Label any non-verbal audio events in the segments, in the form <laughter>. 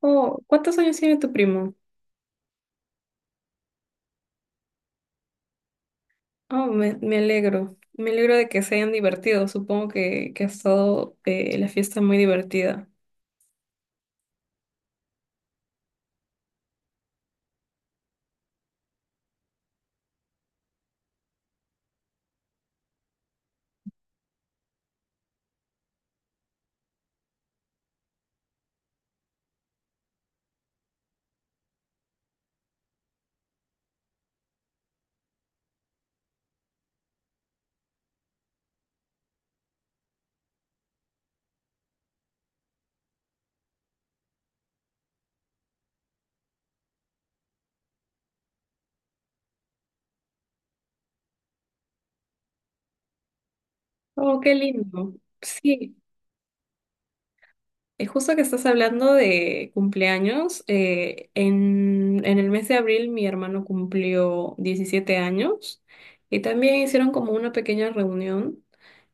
Oh, ¿cuántos años tiene tu primo? Oh, me alegro. Me alegro de que se hayan divertido. Supongo que ha estado la fiesta muy divertida. Oh, qué lindo. Sí, es justo que estás hablando de cumpleaños. En el mes de abril mi hermano cumplió 17 años y también hicieron como una pequeña reunión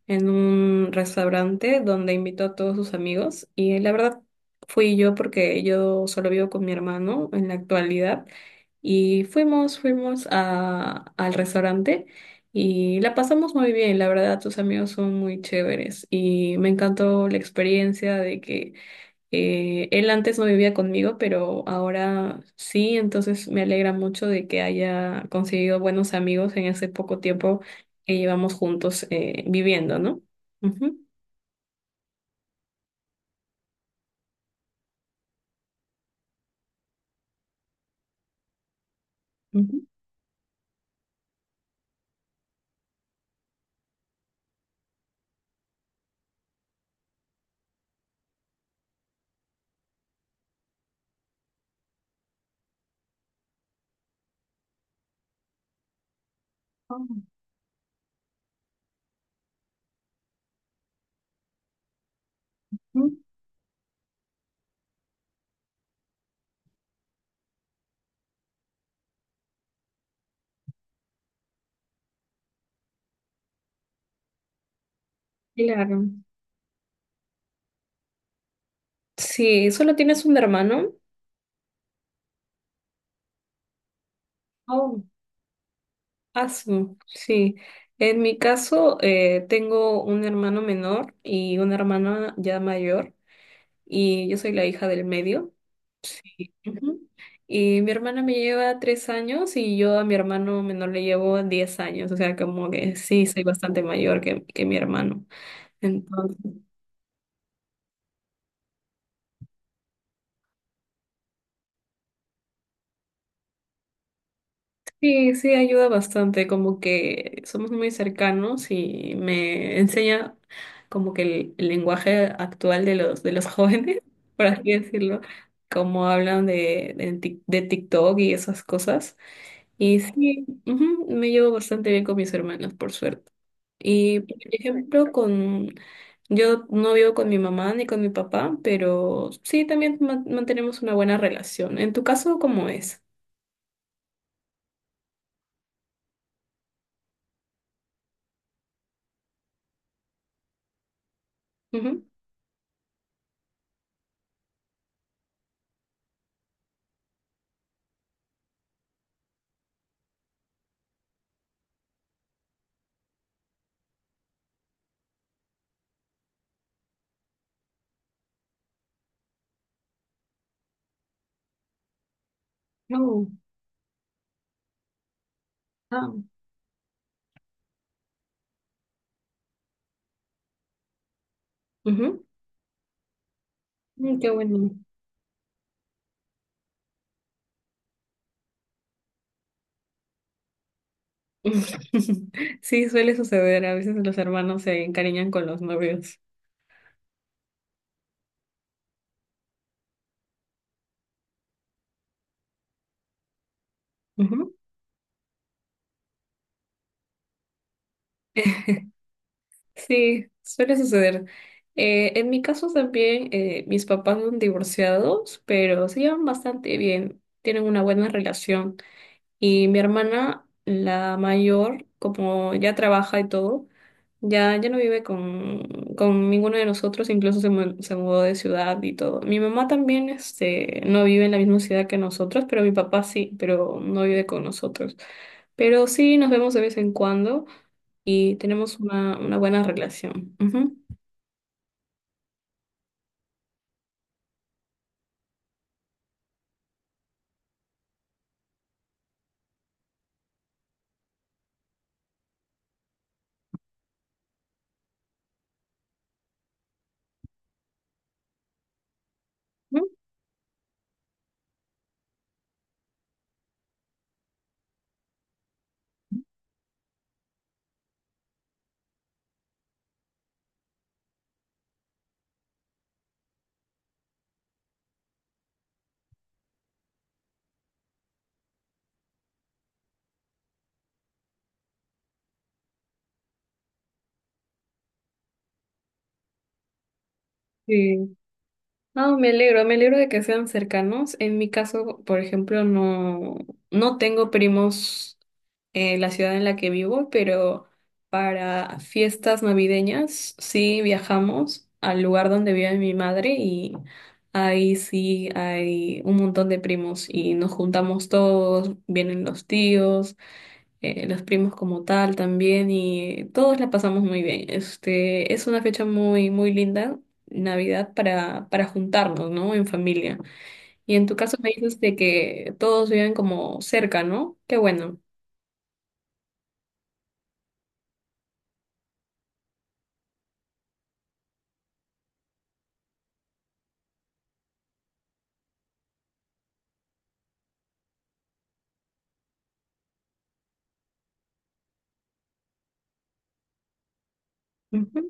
en un restaurante donde invitó a todos sus amigos, y la verdad fui yo porque yo solo vivo con mi hermano en la actualidad. Y fuimos al restaurante y la pasamos muy bien. La verdad, tus amigos son muy chéveres y me encantó la experiencia de que él antes no vivía conmigo, pero ahora sí. Entonces me alegra mucho de que haya conseguido buenos amigos en ese poco tiempo que llevamos juntos viviendo, no. Ujú, ujú. Oh, mm, claro. Sí, solo tienes un hermano. Oh, ah, sí. En mi caso, tengo un hermano menor y una hermana ya mayor, y yo soy la hija del medio. Sí. Ujú. Y mi hermana me lleva tres años y yo a mi hermano menor le llevo diez años. O sea, como que sí, soy bastante mayor que mi hermano. Entonces, sí, sí, ayuda bastante, como que somos muy cercanos y me enseña como que el lenguaje actual de los jóvenes, <laughs> por así decirlo, como hablan de TikTok y esas cosas. Y sí, ujú, me llevo bastante bien con mis hermanos, por suerte. Y por ejemplo, con yo no vivo con mi mamá ni con mi papá, pero sí también mantenemos una buena relación. En tu caso, ¿cómo es? Ujú, oh, ah, ujú. Qué bueno. <laughs> Sí, suele suceder. A veces los hermanos se encariñan con los novios. Ujú. <laughs> Sí, suele suceder. En mi caso también, mis papás son divorciados, pero se llevan bastante bien, tienen una buena relación. Y mi hermana, la mayor, como ya trabaja y todo, ya no vive con ninguno de nosotros. Incluso se, se mudó de ciudad y todo. Mi mamá también, este, no vive en la misma ciudad que nosotros, pero mi papá sí, pero no vive con nosotros. Pero sí nos vemos de vez en cuando y tenemos una buena relación. Ujú. Ujú. Sí. No, me alegro de que sean cercanos. En mi caso, por ejemplo, no, no tengo primos en la ciudad en la que vivo, pero para fiestas navideñas sí viajamos al lugar donde vive mi madre, y ahí sí hay un montón de primos y nos juntamos todos. Vienen los tíos, los primos como tal también, y todos la pasamos muy bien. Este, es una fecha muy, muy linda, Navidad, para juntarnos, ¿no? En familia. Y en tu caso me dices de que todos viven como cerca, ¿no? Qué bueno. Ujú,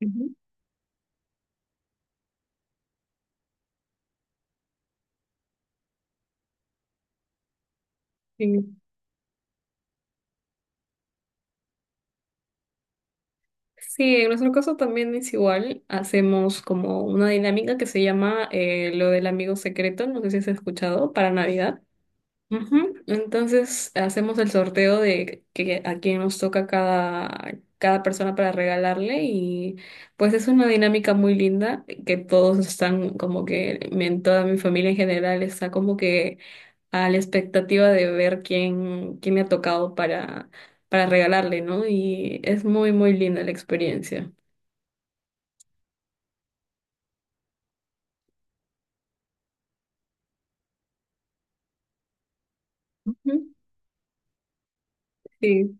ujú. Sí. Sí, en nuestro caso también es igual. Hacemos como una dinámica que se llama lo del amigo secreto, no sé si has escuchado, para Navidad. Ujú. Entonces hacemos el sorteo de que, a quién nos toca cada persona para regalarle. Y pues es una dinámica muy linda que todos están como que, toda mi familia en general está como que a la expectativa de ver quién me ha tocado para regalarle, ¿no? Y es muy, muy linda la experiencia. Ujú. Sí.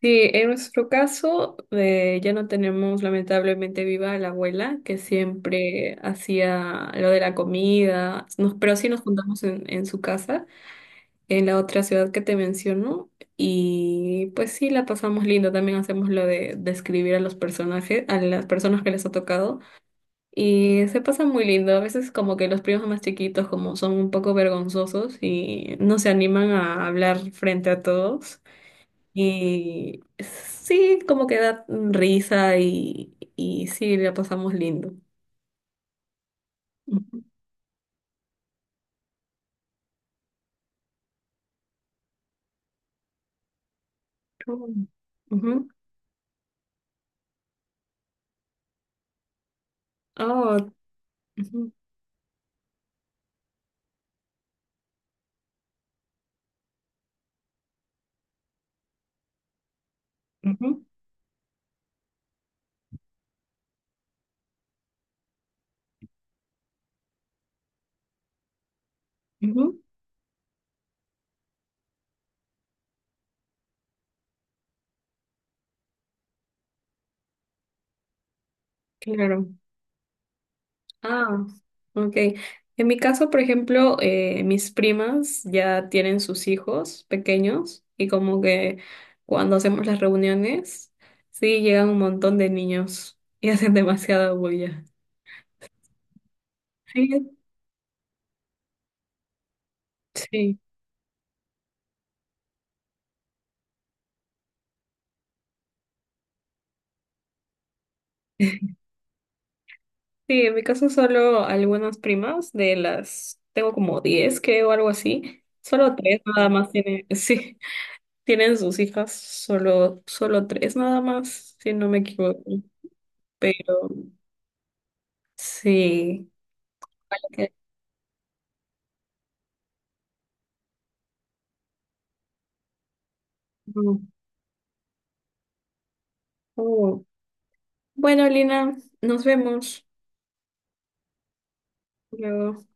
Sí, en nuestro caso ya no tenemos lamentablemente viva a la abuela que siempre hacía lo de la comida, pero sí nos juntamos en su casa, en la otra ciudad que te menciono. Y pues sí la pasamos lindo, también hacemos lo de describir a los personajes, a las personas que les ha tocado, y se pasa muy lindo. A veces como que los primos más chiquitos como son un poco vergonzosos y no se animan a hablar frente a todos. Y sí, como que da risa y sí, la pasamos lindo. Ujú, ujú. Ah, ujú, ujú, ujú. Claro. Ah, ok. En mi caso, por ejemplo, mis primas ya tienen sus hijos pequeños, y como que cuando hacemos las reuniones, sí, llegan un montón de niños y hacen demasiada bulla. Sí, sí. <laughs> Sí, en mi caso solo algunas primas de las, tengo como 10 creo, algo así. Solo tres nada más tienen, <laughs> sí, tienen sus hijas. Solo tres nada más, si no me equivoco. Pero sí. Ok. Mm. Oh. Bueno, Lina, nos vemos luego.